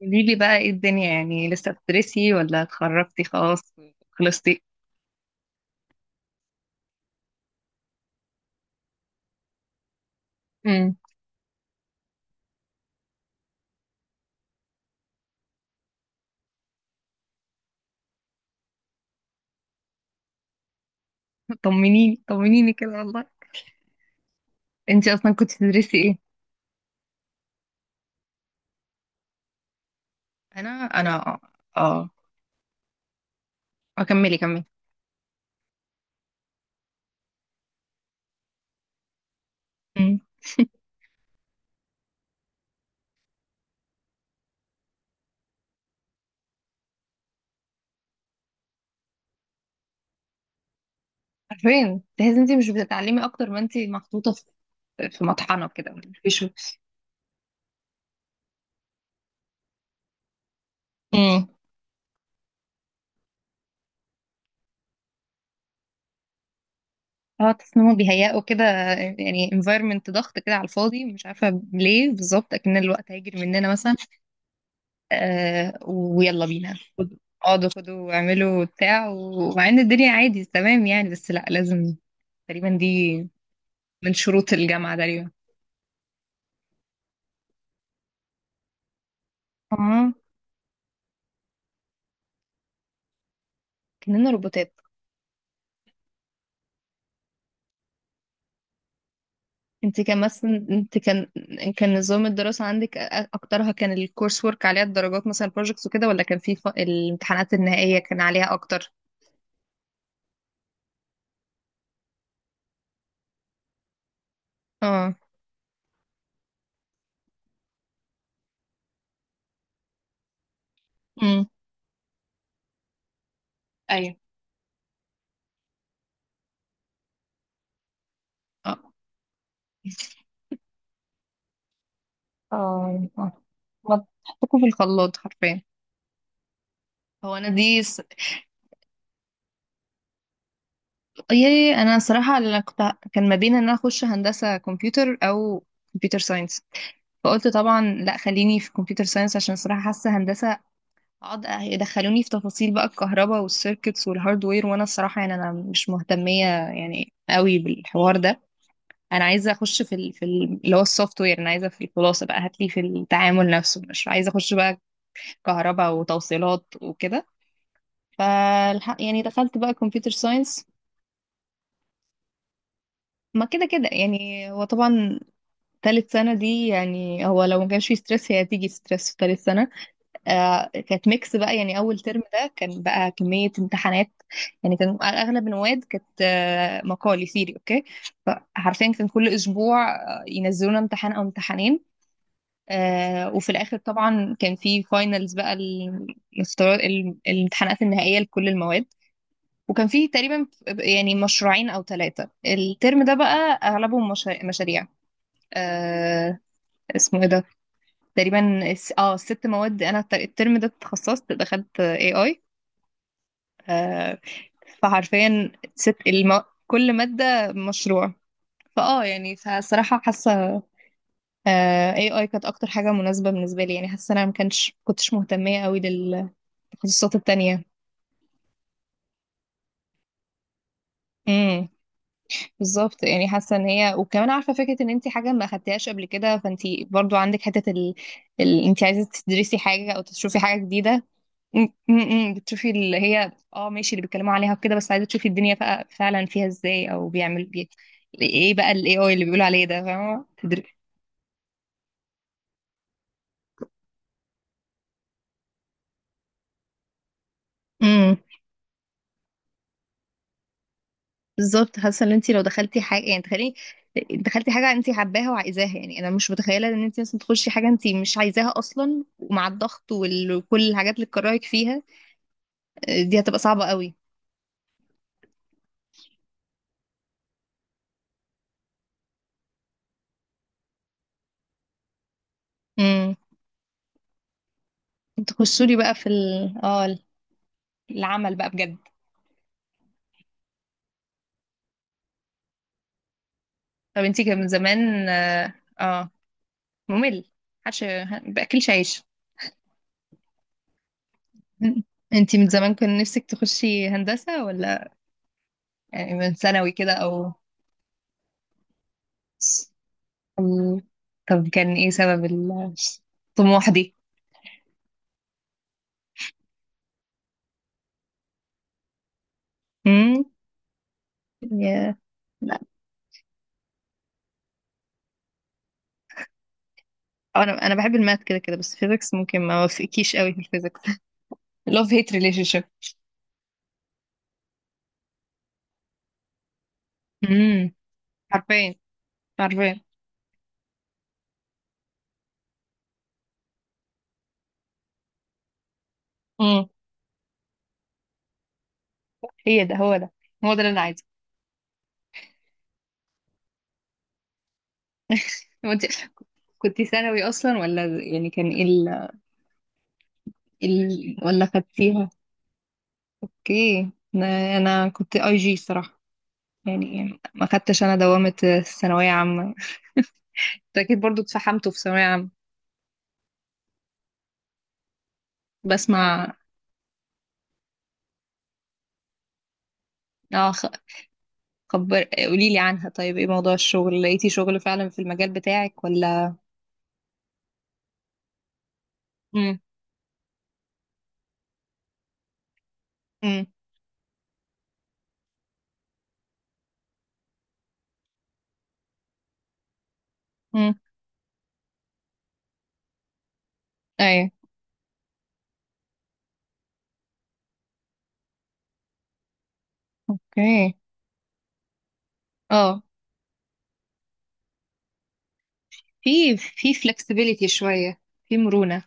قولي لي بقى ايه الدنيا؟ يعني لسه بتدرسي ولا اتخرجتي خلاص؟ خلصتي؟ امم. طمنيني طمنيني كده والله. انتي اصلا كنت بتدرسي ايه؟ انا. اه اكملي كملي. امم. عارفين، تحسي انتي مش بتتعلمي اكتر ما انتي محطوطه في مطحنه كده، مفيش. امم. اه تحس ان هم بيهيئوا كده، يعني environment ضغط كده على الفاضي، مش عارفه ليه بالظبط، اكن الوقت هيجري مننا مثلا. آه، ويلا بينا اقعدوا خدوا واعملوا بتاع، ومع ان الدنيا عادي تمام يعني، بس لا، لازم تقريبا دي من شروط الجامعة تقريبا. اه، كاننا روبوتات. انت كان نظام الدراسة عندك، اكترها كان الكورس ورك عليها الدرجات، مثلا البروجكتس وكده، ولا كان الامتحانات النهائية كان عليها اكتر؟ اه. امم. ايوه. اه اه. آه. حطكم في الخلاط حرفيا. هو انا دي يا انا صراحه، انا كنت، كان ما بين ان انا اخش هندسه كمبيوتر او كمبيوتر ساينس. فقلت طبعا لا، خليني في كمبيوتر ساينس، عشان صراحه حاسه هندسه اقعد يدخلوني في تفاصيل بقى الكهرباء والسيركتس والهاردوير، وانا الصراحه يعني انا مش مهتميه يعني قوي بالحوار ده. انا عايزه اخش اللي هو السوفت وير، انا عايزه في الخلاصه بقى هاتلي في التعامل نفسه، مش عايزه اخش بقى كهرباء وتوصيلات وكده. فالحق يعني دخلت بقى كمبيوتر ساينس. ما كده كده يعني، هو طبعا تالت سنة دي يعني، هو لو ما كانش في ستريس، هي هتيجي ستريس في تالت سنة. آه، كانت ميكس بقى، يعني أول ترم ده كان بقى كمية امتحانات. يعني كان أغلب المواد كانت، آه، مقالي ثيري أوكي. فحرفيا كان كل أسبوع، آه، ينزلونا امتحان أو امتحانين. آه، وفي الآخر طبعا كان في فاينلز بقى، المستوى، الامتحانات النهائية لكل المواد. وكان فيه تقريبا يعني مشروعين أو ثلاثة الترم ده بقى، أغلبهم مشاريع. آه، اسمه ايه ده. تقريبا الست مواد، انا الترم ده اتخصصت دخلت اي اي. فحرفيا كل مادة مشروع. يعني فصراحة حاسة، اي اي كانت اكتر حاجة مناسبة بالنسبة لي يعني، حاسة انا ما كانش كنتش مهتمية قوي للتخصصات التانية. امم. بالظبط يعني، حاسة ان هي وكمان عارفة فكرة ان انت حاجة ما اخدتهاش قبل كده، فانت برضو عندك حتة انت عايزة تدرسي حاجة او تشوفي حاجة جديدة. م- م- م. بتشوفي اللي هي، ماشي، اللي بيتكلموا عليها وكده، بس عايزه تشوفي الدنيا فعلا فيها ازاي، ايه بقى الاي اي اللي بيقولوا عليه ده؟ فاهمه؟ امم. بالظبط. حاسه ان انت لو دخلتي حاجه يعني، تخيلي دخلتي حاجه انت حباها وعايزاها، يعني انا مش متخيله ان انت مثلا تخشي حاجه انت مش عايزاها اصلا، ومع الضغط وكل الحاجات اللي تكرهك فيها. آه، دي هتبقى صعبه قوي. امم. تخشولي بقى في ال... اه العمل بقى بجد. طب انت كان من زمان، آه. ممل، محدش باكلش عيش. انتي من زمان كان نفسك تخشي هندسة ولا؟ يعني من ثانوي كده او أم، طب كان ايه سبب الطموح دي؟ امم. يا، لا، انا بحب الماث كده كده، بس فيزيكس ممكن ما وافقكيش قوي في الفيزيكس. لوف هيت ريليشن شيب. امم. عارفين، عارفين. امم. هي ده هو ده هو ده اللي انا عايزه. هو انت كنت ثانوي اصلا ولا؟ يعني كان ايه ولا خدتيها؟ اوكي. انا كنت اي جي صراحه، يعني ما خدتش انا دوامه الثانويه عامه. انت اكيد برضو اتفحمتوا في ثانويه عامه. بسمع. اه خ- خبر، قولي لي عنها. طيب ايه موضوع الشغل، لقيتي شغل فعلا في المجال بتاعك ولا؟ امم، امم، امم. ايوه. اوكي. اه، في في فلكسبيليتي شويه، في مرونه.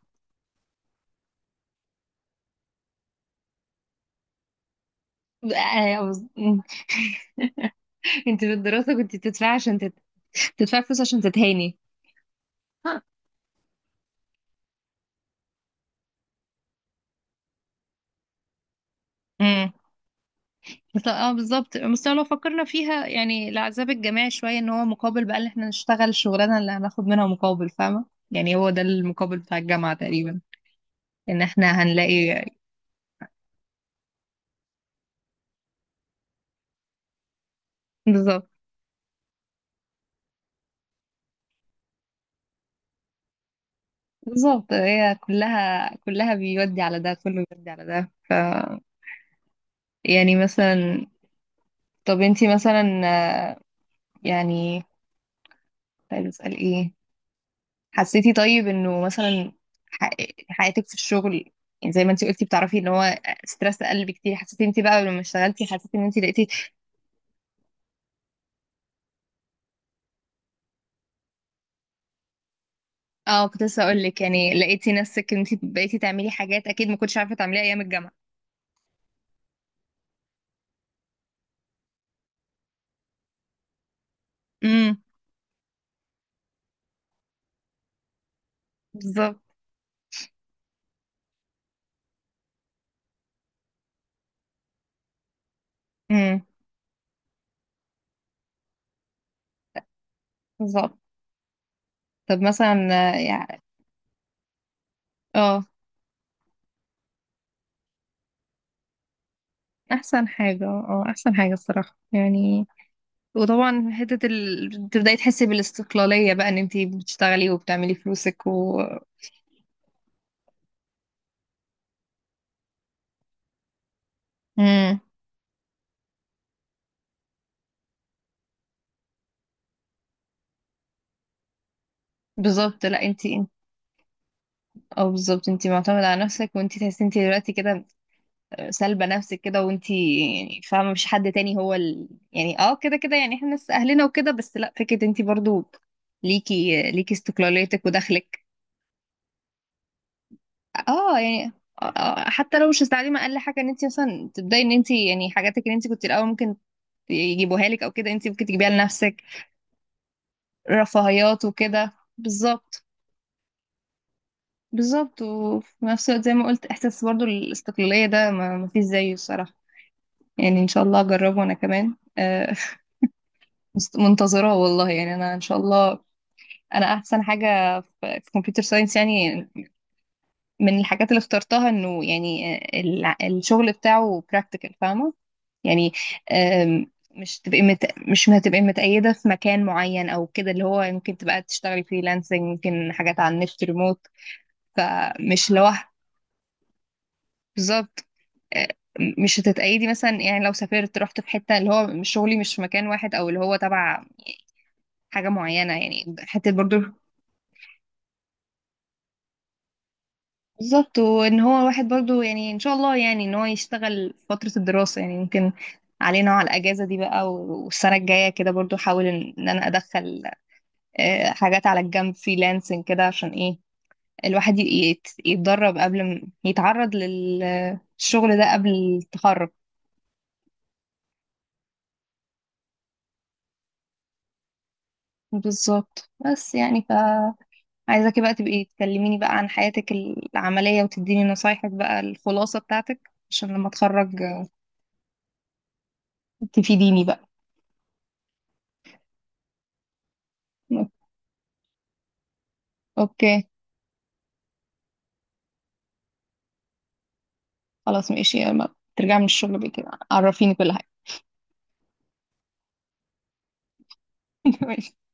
آه، أوز- أمم. انت في الدراسه كنت بتدفعي عشان تدفعي فلوس عشان تتهاني. امم. بالظبط، بس لو فكرنا فيها يعني، العذاب الجماعي شوية، ان هو مقابل بقى ان احنا نشتغل الشغلانة اللي هناخد منها مقابل، فاهمة؟ يعني هو ده المقابل بتاع الجامعة تقريبا، ان احنا هنلاقي. بالظبط، بالظبط. هي كلها كلها بيودي على ده، كله بيودي على ده، يعني مثلا. طب انتي مثلا، آه، يعني كنت عايزة اسأل ايه. حسيتي طيب انه مثلا ح- حياتك في الشغل، يعني زي ما انت قلتي بتعرفي ان هو ستريس قل بكتير، حسيتي انت بقى لما اشتغلتي، حسيتي ان انت لقيتي؟ اه، كنت لسه اقول لك، يعني لقيتي نفسك ان انت بقيتي تعملي حاجات اكيد ما كنتش عارفه تعمليها ايام الجامعه؟ امم، بالظبط. امم، بالظبط. طب مثلا، آه، يعني اه احسن حاجه، احسن حاجه الصراحه يعني. وطبعا تبداي تحسي بالاستقلاليه بقى، ان انت بتشتغلي وبتعملي فلوسك و... امم. بالظبط، لا انت، اه بالظبط، انت معتمدة على نفسك. وانت تحسي انت دلوقتي كده، سالبة نفسك كده. وانت يعني فاهمة، مش حد تاني، هو يعني، كده كده يعني، احنا ناس اهلنا وكده. بس لا، فكرة انت برضو ليكي ليكي استقلاليتك ودخلك. اه يعني اه حتى لو مش هتتعلمي اقل حاجة، ان انت مثلا تبدأي، ان انت يعني حاجاتك اللي انت كنت الاول ممكن يجيبوها لك او كده، انت ممكن تجيبيها لنفسك، رفاهيات وكده، بالظبط. بالظبط. وفي نفس الوقت زي ما قلت، احساس برضو الاستقلالية ده ما فيش زيه الصراحة. يعني ان شاء الله اجربه انا كمان، آه. منتظراه والله يعني، انا ان شاء الله. انا احسن حاجه في كمبيوتر ساينس يعني، من الحاجات اللي اخترتها انه يعني، آه، الشغل بتاعه براكتيكال، فاهمه؟ يعني مش تبقي مت... مش هتبقي متقيده في مكان معين او كده، اللي هو يمكن تبقى تشتغلي فريلانسنج، يمكن حاجات على النت ريموت. فمش لوحدك، بالظبط، آه. مش هتتقيدي مثلا، يعني لو سافرت رحت في حته، اللي هو مش شغلي مش في مكان واحد او اللي هو تبع حاجة معينة، يعني حتة برضو، بالظبط. وان هو الواحد برضو يعني، ان شاء الله يعني، ان هو يشتغل فترة الدراسة يعني ممكن، علينا على الاجازة دي بقى، والسنة الجاية كده برضو احاول ان انا ادخل، آه، حاجات على الجنب فريلانسنج كده، عشان ايه الواحد يتدرب قبل ما يتعرض للشغل ده قبل التخرج. بالظبط، بس يعني فعايزاكي بقى تبقي تكلميني بقى عن حياتك العملية، وتديني نصايحك بقى، الخلاصة بتاعتك، عشان لما اتخرج تفيديني بقى. اوكي، خلاص ماشي. لما ترجعي من الشغل بقى كده، عرفيني كل حاجة.